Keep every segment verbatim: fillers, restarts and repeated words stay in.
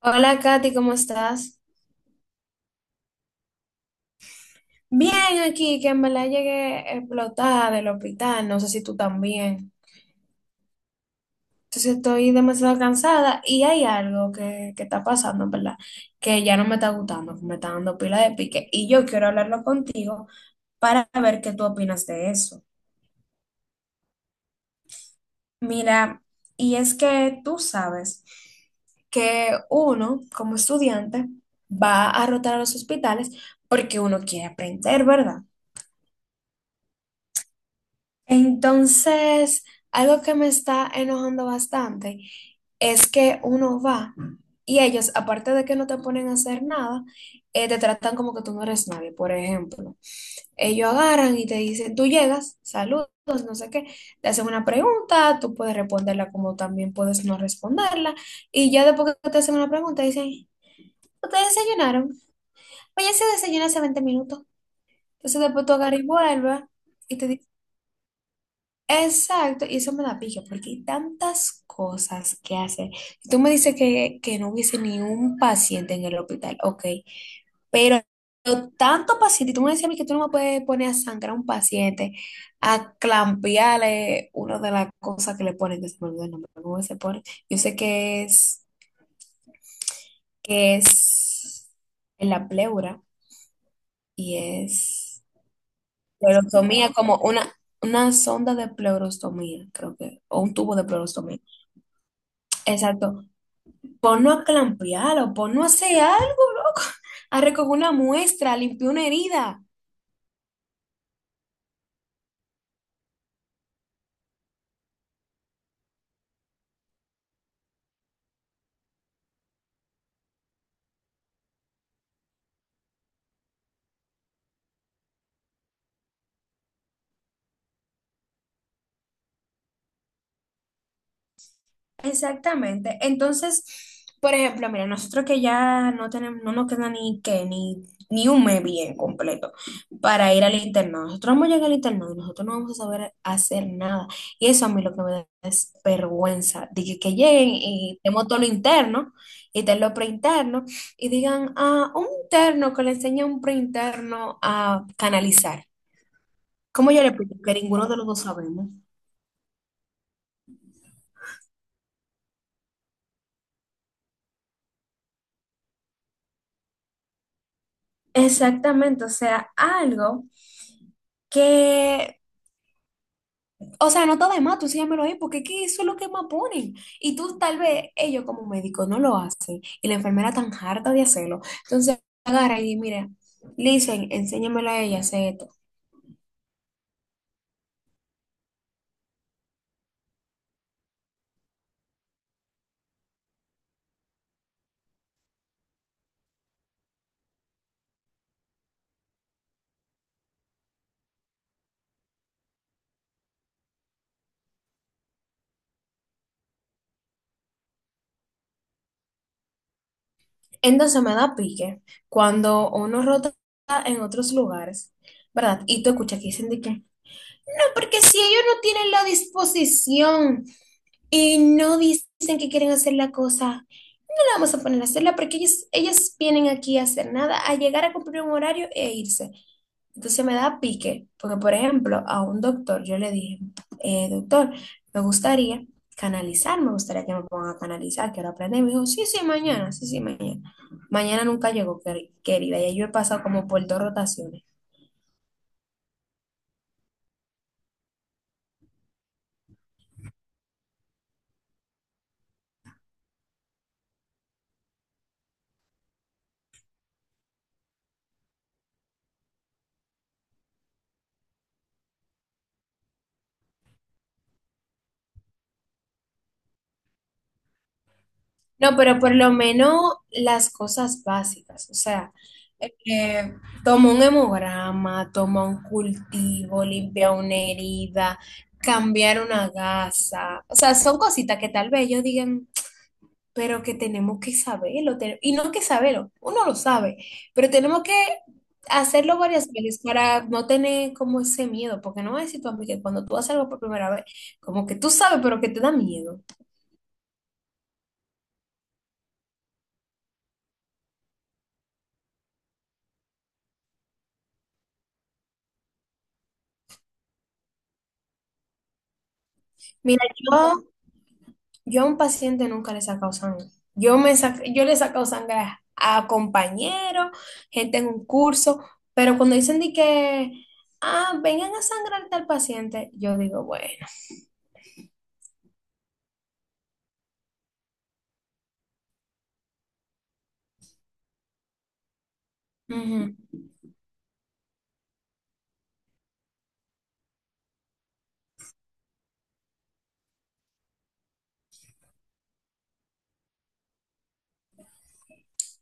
Hola Katy, ¿cómo estás? Bien, aquí, que en verdad llegué explotada del hospital, no sé si tú también. Entonces estoy demasiado cansada y hay algo que, que está pasando, en ¿verdad? Que ya no me está gustando, que me está dando pila de pique y yo quiero hablarlo contigo para ver qué tú opinas de eso. Mira, y es que tú sabes que uno, como estudiante, va a rotar a los hospitales porque uno quiere aprender, ¿verdad? Entonces, algo que me está enojando bastante es que uno va y ellos, aparte de que no te ponen a hacer nada, eh, te tratan como que tú no eres nadie. Por ejemplo, ellos agarran y te dicen, tú llegas, saludos, no sé qué, te hacen una pregunta, tú puedes responderla como también puedes no responderla. Y ya después que te hacen una pregunta, dicen, ¿ustedes desayunaron? Oye, se desayuna hace veinte minutos. Entonces después tú agarras y vuelves. Y te Exacto, y eso me da pique porque hay tantas cosas que hacer. Si Tú me dices que, que no hubiese ni un paciente en el hospital, ok, pero tanto paciente, y tú me decías a mí que tú no me puedes poner a sangrar a un paciente, a clampearle una de las cosas que le ponen, que se me olvidó el nombre, ¿cómo se pone? Yo sé que es, que es en la pleura y es pleurostomía, como una, una sonda de pleurostomía, creo que, o un tubo de pleurostomía. Exacto. Ponlo a clampear o ponlo a hacer algo, loco. A recoger una muestra, a limpiar una herida. Exactamente. Entonces, por ejemplo, mira, nosotros que ya no tenemos, no nos queda ni que ni, ni un mes bien completo para ir al internado. Nosotros vamos a llegar al internado y nosotros no vamos a saber hacer nada. Y eso a mí lo que me da es vergüenza. De que, que lleguen y tenemos todo lo interno y tenemos lo preinterno y digan, ah, un interno que le enseña a un preinterno a canalizar. ¿Cómo yo le explico? Que ninguno de los dos sabemos. Exactamente, o sea, algo que, o sea, no está de más, tú sígamelo ahí, porque es que eso es lo que más ponen. Y tú tal vez, ellos como médicos no lo hacen, y la enfermera tan harta de hacerlo. Entonces, agarra y dice, mira, le dicen, enséñamelo a ella, hace esto. Entonces me da pique cuando uno rota en otros lugares, ¿verdad? Y tú escuchas que dicen de que, no, porque si ellos no tienen la disposición y no dicen que quieren hacer la cosa, vamos a poner a hacerla porque ellas, ellas vienen aquí a hacer nada, a llegar a cumplir un horario e irse. Entonces me da pique, porque por ejemplo, a un doctor yo le dije, "Eh, doctor, me gustaría canalizar, me gustaría que me pongan a canalizar, quiero aprender". Y me dijo, sí, sí, mañana, sí, sí, mañana. Mañana nunca llegó, querida, y yo he pasado como por dos rotaciones. No, pero por lo menos las cosas básicas, o sea, eh, toma un hemograma, toma un cultivo, limpia una herida, cambiar una gasa, o sea, son cositas que tal vez ellos digan, pero que tenemos que saberlo, te- y no que saberlo, uno lo sabe, pero tenemos que hacerlo varias veces para no tener como ese miedo, porque no voy a decir tú a mí que cuando tú haces algo por primera vez, como que tú sabes, pero que te da miedo. Mira, yo... Yo a un paciente nunca le he sacado sangre. Yo, me sac- yo le he sacado sangre a, a compañeros, gente en un curso, pero cuando dicen de que, ah, vengan a sangrar al paciente, yo digo, bueno, ujú,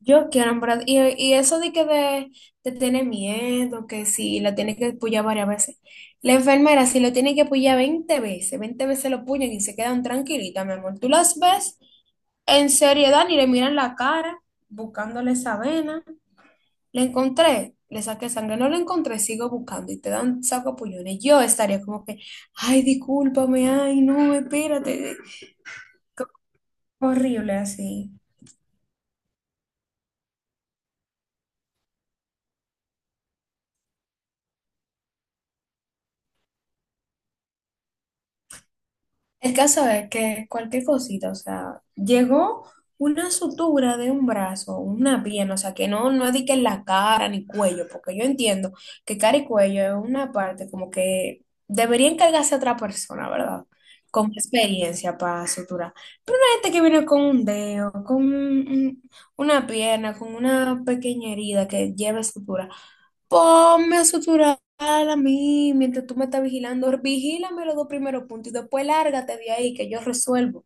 yo quiero, en verdad, y, y eso de que de, de tener miedo, que si la tiene que pullar varias veces. La enfermera, si lo tiene que pullar veinte veces, veinte veces lo puñan y se quedan tranquilitas, mi amor. Tú las ves en seriedad ni le miran la cara, buscándole esa vena. Lo encontré, le saqué sangre, no lo encontré, sigo buscando y te dan saco sacuapullones. Yo estaría como que, ay, discúlpame, ay, no, espérate. Co- Horrible así. El caso es que cualquier cosita, o sea, llegó una sutura de un brazo, una pierna, o sea, que no, no es de que en la cara ni cuello, porque yo entiendo que cara y cuello es una parte como que debería encargarse a otra persona, ¿verdad? Con experiencia para suturar. Gente que viene con un dedo, con un- una pierna, con una pequeña herida que lleva sutura. Ponme a suturar a mí mientras tú me estás vigilando. Vigílame los dos primeros puntos y después lárgate de ahí que yo resuelvo.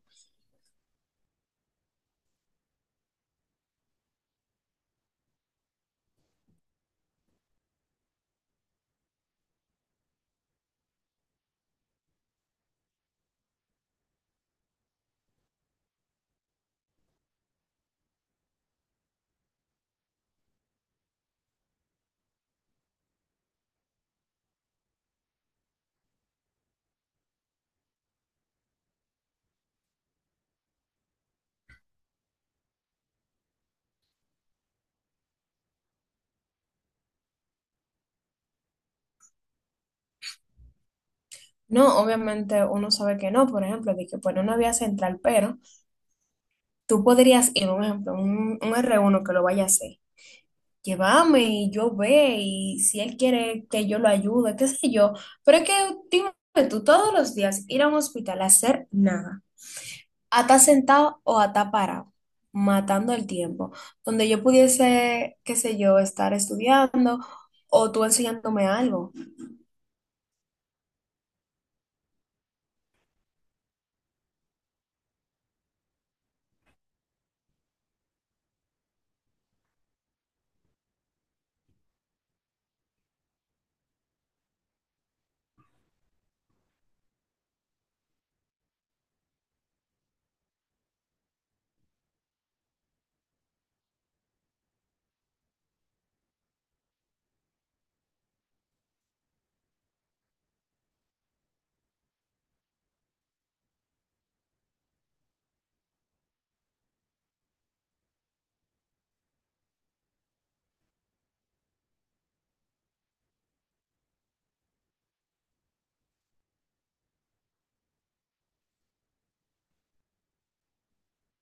No, obviamente uno sabe que no, por ejemplo, de que pone una vía central, pero tú podrías ir, un ejemplo, un, un r uno que lo vaya a hacer. Llévame y yo ve y si él quiere que yo lo ayude, qué sé yo. Pero es que, dime tú, todos los días ir a un hospital a hacer nada, a estar sentado o a estar parado, matando el tiempo, donde yo pudiese, qué sé yo, estar estudiando o tú enseñándome algo.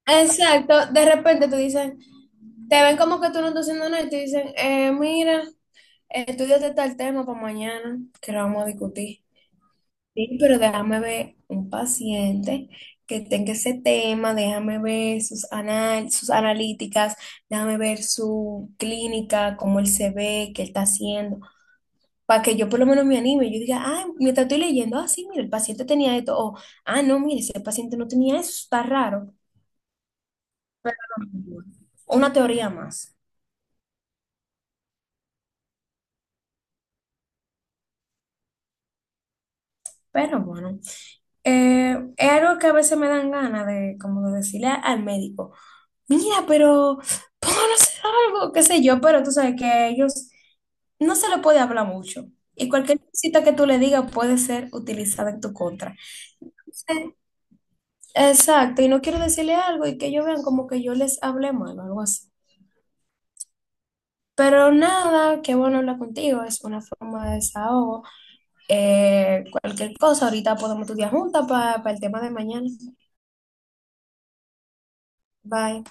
Exacto, de repente tú dicen te ven como que tú no estás haciendo nada y te dicen, eh, mira, estudiate tal tema para mañana que lo vamos a discutir. Sí, pero déjame ver un paciente que tenga ese tema, déjame ver sus anal- sus analíticas, déjame ver su clínica, cómo él se ve, qué él está haciendo, para que yo por lo menos me anime. Yo diga, ah, mientras estoy leyendo, ah, sí, mira, el paciente tenía esto, o, ah, no, mire, ese paciente no tenía eso, está raro. Una teoría más. Pero bueno, eh, es algo que a veces me dan ganas de, como de decirle al médico. Mira, pero pónganos a hacer algo, qué sé yo, pero tú sabes que ellos no se le puede hablar mucho. Y cualquier cosita que tú le digas puede ser utilizada en tu contra. Sí, exacto, y no quiero decirle algo y que ellos vean como que yo les hablé mal o algo así. Pero nada, qué bueno hablar contigo, es una forma de desahogo. Eh, cualquier cosa, ahorita podemos estudiar juntas para el tema de mañana. Bye.